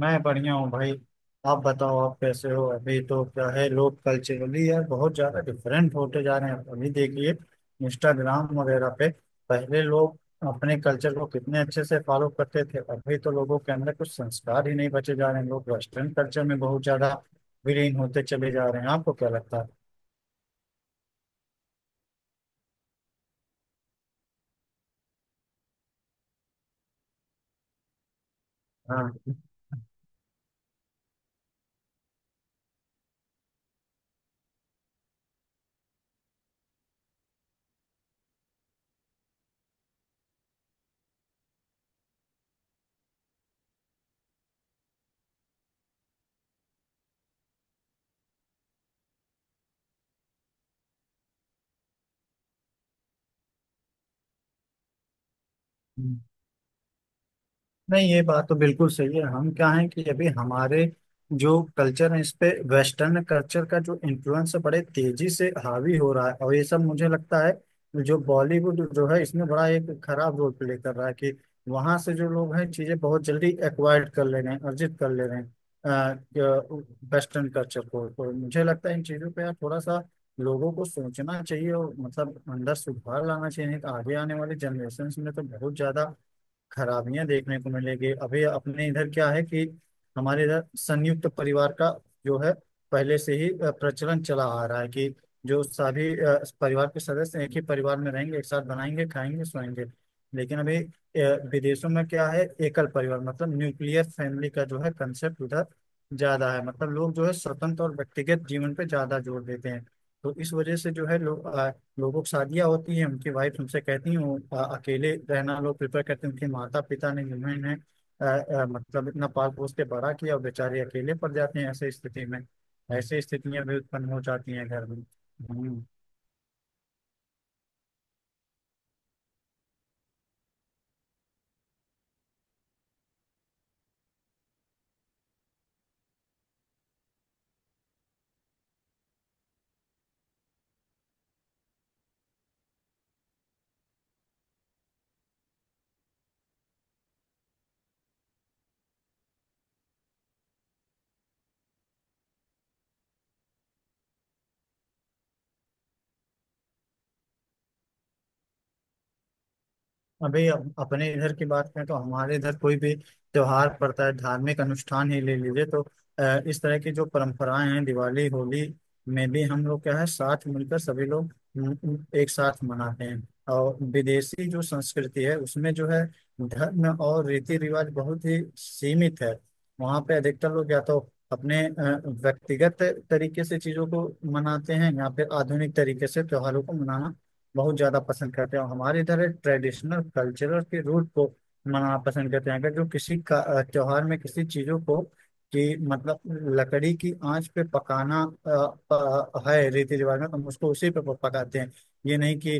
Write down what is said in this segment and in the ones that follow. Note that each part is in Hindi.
मैं बढ़िया हूँ भाई। आप बताओ, आप कैसे हो? अभी तो क्या है, लोग कल्चरली यार बहुत ज्यादा डिफरेंट होते जा रहे हैं। अभी देखिए इंस्टाग्राम वगैरह पे पहले लोग अपने कल्चर को कितने अच्छे से फॉलो करते थे। अभी तो लोगों के अंदर कुछ संस्कार ही नहीं बचे जा रहे हैं। लोग वेस्टर्न कल्चर में बहुत ज्यादा विलीन होते चले जा रहे हैं। आपको क्या लगता है? हाँ। नहीं, ये बात तो बिल्कुल सही है। हम क्या है कि अभी हमारे जो कल्चर है इस पे वेस्टर्न कल्चर का जो इन्फ्लुएंस है बड़े तेजी से हावी हो रहा है। और ये सब मुझे लगता है जो बॉलीवुड जो है इसमें बड़ा एक खराब रोल प्ले कर रहा है कि वहां से जो लोग हैं चीजें बहुत जल्दी एक्वायर्ड कर ले रहे हैं, अर्जित कर ले रहे हैं वेस्टर्न कल्चर को। तो मुझे लगता है इन चीजों पे यार थोड़ा सा लोगों को सोचना चाहिए और मतलब अंदर सुधार लाना चाहिए। नहीं तो आगे आने वाले जनरेशन में तो बहुत ज्यादा खराबियां देखने को मिलेगी। अभी अपने इधर क्या है कि हमारे इधर संयुक्त परिवार का जो है पहले से ही प्रचलन चला आ रहा है कि जो सभी परिवार के सदस्य एक ही परिवार में रहेंगे, एक साथ बनाएंगे, खाएंगे, सोएंगे। लेकिन अभी विदेशों में क्या है, एकल परिवार मतलब न्यूक्लियर फैमिली का जो है कंसेप्ट उधर ज्यादा है। मतलब लोग जो है स्वतंत्र और व्यक्तिगत जीवन पे ज्यादा जोर देते हैं। तो इस वजह से जो है लोग, लोगों की शादियाँ होती हैं उनकी वाइफ उनसे कहती हैं वो अकेले रहना लोग प्रेफर करते हैं। उनके माता पिता ने जिन्होंने इन्हें अ, मतलब इतना पाल पोस के बड़ा किया, और बेचारे अकेले पड़ जाते हैं ऐसे स्थिति में। ऐसी स्थितियां भी उत्पन्न हो जाती हैं घर में। हम्म। अभी अपने इधर की बात करें तो हमारे इधर कोई भी त्योहार पड़ता है, धार्मिक अनुष्ठान ही ले लीजिए, तो इस तरह की जो परंपराएं हैं दिवाली होली में भी हम लोग क्या है साथ मिलकर सभी लोग म, म, एक साथ मनाते हैं। और विदेशी जो संस्कृति है उसमें जो है धर्म और रीति रिवाज बहुत ही सीमित है। वहाँ पे अधिकतर लोग या तो अपने व्यक्तिगत तरीके से चीजों को मनाते हैं या फिर आधुनिक तरीके से त्योहारों को मनाना बहुत ज्यादा पसंद करते हैं, और हमारे इधर ट्रेडिशनल कल्चरल के रूट को मनाना पसंद करते हैं। अगर जो किसी का त्योहार में किसी चीजों को, कि मतलब लकड़ी की आंच पे पकाना है रीति रिवाज में, तो हम उसको उसी पे पकाते हैं। ये नहीं कि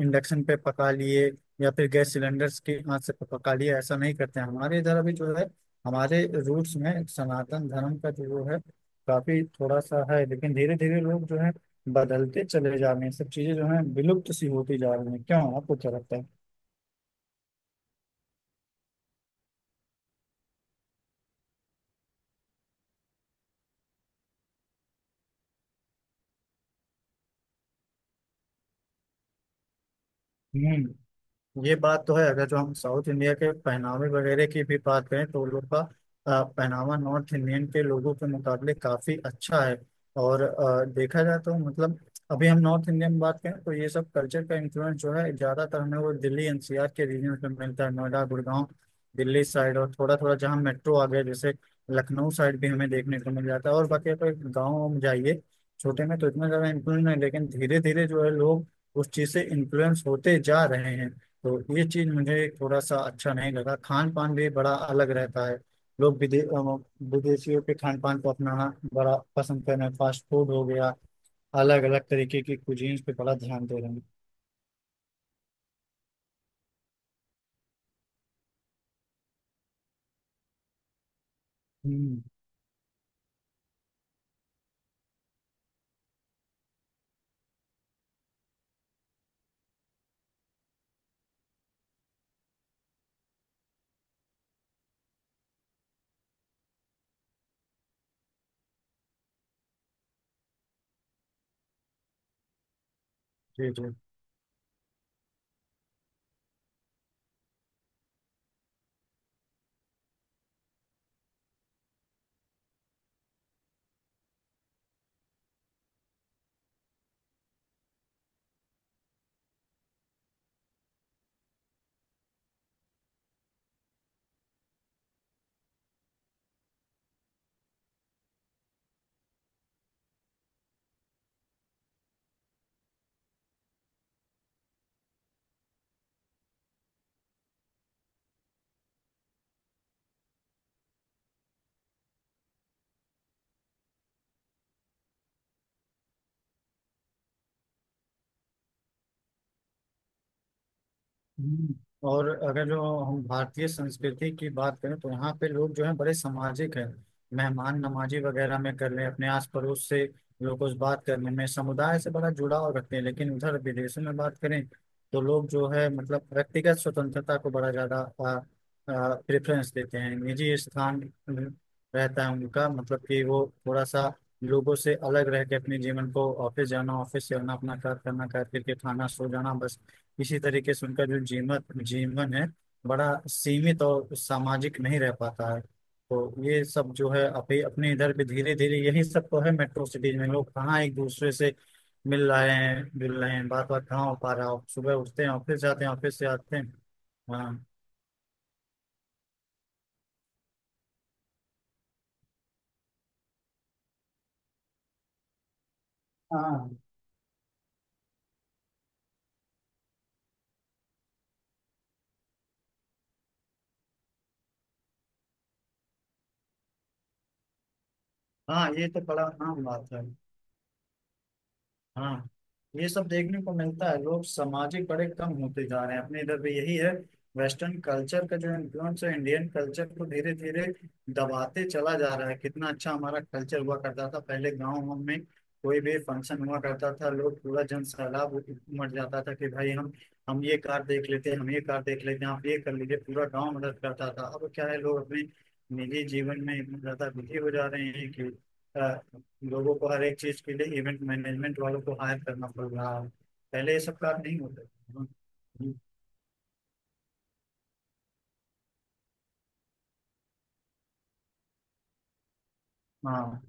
इंडक्शन पे पका लिए या फिर गैस सिलेंडर्स की आंच से पका लिए, ऐसा नहीं करते हैं हमारे इधर। अभी जो है हमारे रूट्स में सनातन धर्म का जो है काफी थोड़ा सा है, लेकिन धीरे धीरे लोग जो है बदलते चले जा रहे हैं, सब चीजें जो है विलुप्त सी होती जा रही हैं। क्यों, आपको क्या लगता है? हम्म। ये बात तो है। अगर जो हम साउथ इंडिया के पहनावे वगैरह की भी बात करें तो उन लोग का पहनावा नॉर्थ इंडियन के लोगों के मुकाबले काफी अच्छा है। और देखा जाए तो मतलब अभी हम नॉर्थ इंडियन में बात करें तो ये सब कल्चर का इन्फ्लुएंस जो है ज्यादातर हमें वो दिल्ली एनसीआर के रीजन में मिलता है, नोएडा गुड़गांव दिल्ली साइड, और थोड़ा थोड़ा जहाँ मेट्रो आ गया जैसे लखनऊ साइड भी हमें देखने को मिल जाता है। और बाकी अगर गाँव में जाइए छोटे में तो इतना ज्यादा इन्फ्लुएंस नहीं, लेकिन धीरे धीरे जो है लोग उस चीज से इन्फ्लुएंस होते जा रहे हैं। तो ये चीज मुझे थोड़ा सा अच्छा नहीं लगा। खान पान भी बड़ा अलग रहता है। लोग विदेशियों के खान पान को अपनाना बड़ा पसंद करना, फास्ट फूड हो गया, अलग अलग तरीके की कुजीन्स पे बड़ा ध्यान दे रहे हैं। हम्म। जी जी। हम्म, और अगर जो हम भारतीय संस्कृति की बात करें तो यहाँ पे लोग जो है बड़े सामाजिक हैं, मेहमान नमाजी वगैरह में कर लें अपने आस पड़ोस से, लोगों से बात करने में, समुदाय से बड़ा जुड़ाव रखते हैं। लेकिन उधर विदेशों में बात करें तो लोग जो है मतलब व्यक्तिगत स्वतंत्रता को बड़ा ज्यादा प्रेफरेंस देते हैं, निजी स्थान रहता है उनका। मतलब कि वो थोड़ा सा लोगों से अलग रह के अपने जीवन को ऑफिस जाना, ऑफिस से आना, अपना कार्य करना, कार्य करके खाना, सो जाना, बस इसी तरीके से उनका जो जीवन जीवन है बड़ा सीमित और सामाजिक नहीं रह पाता है। तो ये सब जो है अभी अपने इधर भी धीरे धीरे यही सब तो है, मेट्रो सिटीज में लोग कहाँ एक दूसरे से मिल रहे हैं जुल रहे हैं, बात बात कहाँ हो पा रहा हो, सुबह उठते हैं ऑफिस जाते हैं ऑफिस से आते हैं। हाँ हाँ हाँ, ये तो बड़ा आम बात है। हाँ, ये सब देखने को मिलता है, लोग सामाजिक बड़े कम होते जा रहे हैं, अपने इधर भी यही है। वेस्टर्न कल्चर का जो इन्फ्लुएंस है इंडियन कल्चर को धीरे धीरे दबाते चला जा रहा है। कितना अच्छा हमारा कल्चर हुआ करता था, पहले गाँव में कोई भी फंक्शन हुआ करता था लोग पूरा जन सैलाब उमड़ जाता था कि भाई हम ये कार देख लेते हैं, हम ये कार देख लेते हैं, आप ये कर लीजिए, पूरा गाँव मदद करता था। अब क्या है, लोग अपने निजी जीवन में इतना ज्यादा बिजी हो जा रहे हैं कि लोगों को हर एक चीज के लिए इवेंट मैनेजमेंट वालों को हायर करना पड़ रहा है। पहले ये सब काम नहीं होते थे। हाँ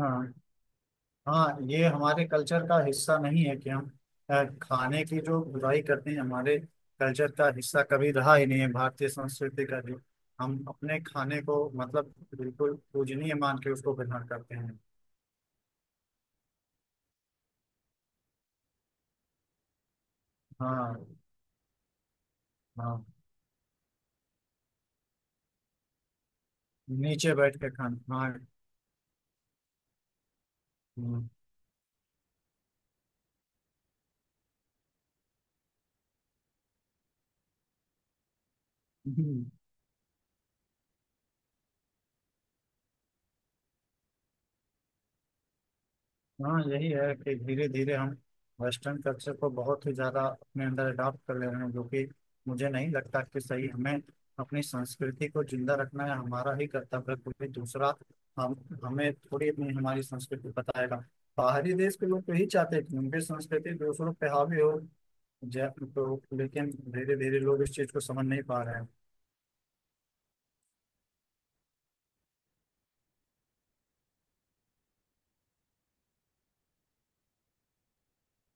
हाँ हाँ, ये हमारे कल्चर का हिस्सा नहीं है कि हम खाने की जो बुराई करते हैं, हमारे कल्चर का हिस्सा कभी रहा ही नहीं है भारतीय संस्कृति का, जो हम अपने खाने को मतलब बिल्कुल पूजनीय मान के उसको ग्रहण करते हैं। हाँ। हाँ, नीचे बैठ के खाना। हाँ। हम्म, हाँ, यही है कि धीरे धीरे हम वेस्टर्न कल्चर को बहुत ही ज़्यादा अपने अंदर अडॉप्ट कर ले रहे हैं, जो कि मुझे नहीं लगता कि सही। हमें अपनी संस्कृति को जिंदा रखना है, हमारा ही कर्तव्य है, कोई दूसरा हम हमें थोड़ी अपनी हमारी संस्कृति बताएगा। बाहरी देश के लोग तो यही चाहते हैं कि उनकी संस्कृति दूसरों पे हावी हो। जय। तो लेकिन धीरे धीरे लोग इस चीज़ को समझ नहीं पा रहे हैं।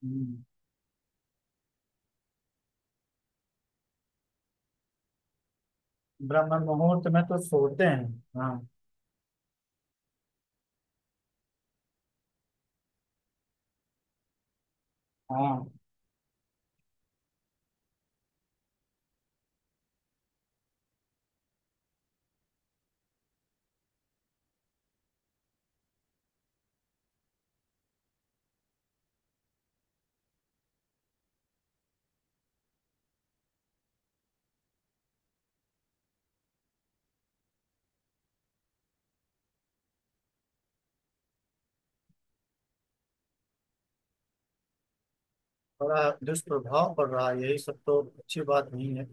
हम्म। ब्राह्मण मुहूर्त में तो सोते हैं। हाँ। हाँ, बड़ा दुष्प्रभाव पड़ रहा है, यही सब तो अच्छी बात नहीं है।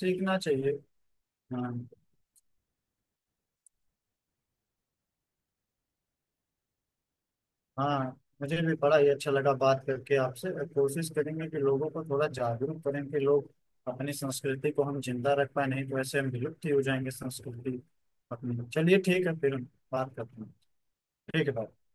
सीखना चाहिए। हाँ। हाँ, मुझे भी बड़ा ही अच्छा लगा बात करके आपसे, और कोशिश करेंगे कि लोगों को थोड़ा जागरूक करें कि लोग अपनी संस्कृति को हम जिंदा रख पाए, नहीं तो ऐसे हम विलुप्त ही हो जाएंगे संस्कृति अपनी। चलिए ठीक है, फिर हम बात करते हैं। ठीक है भाई।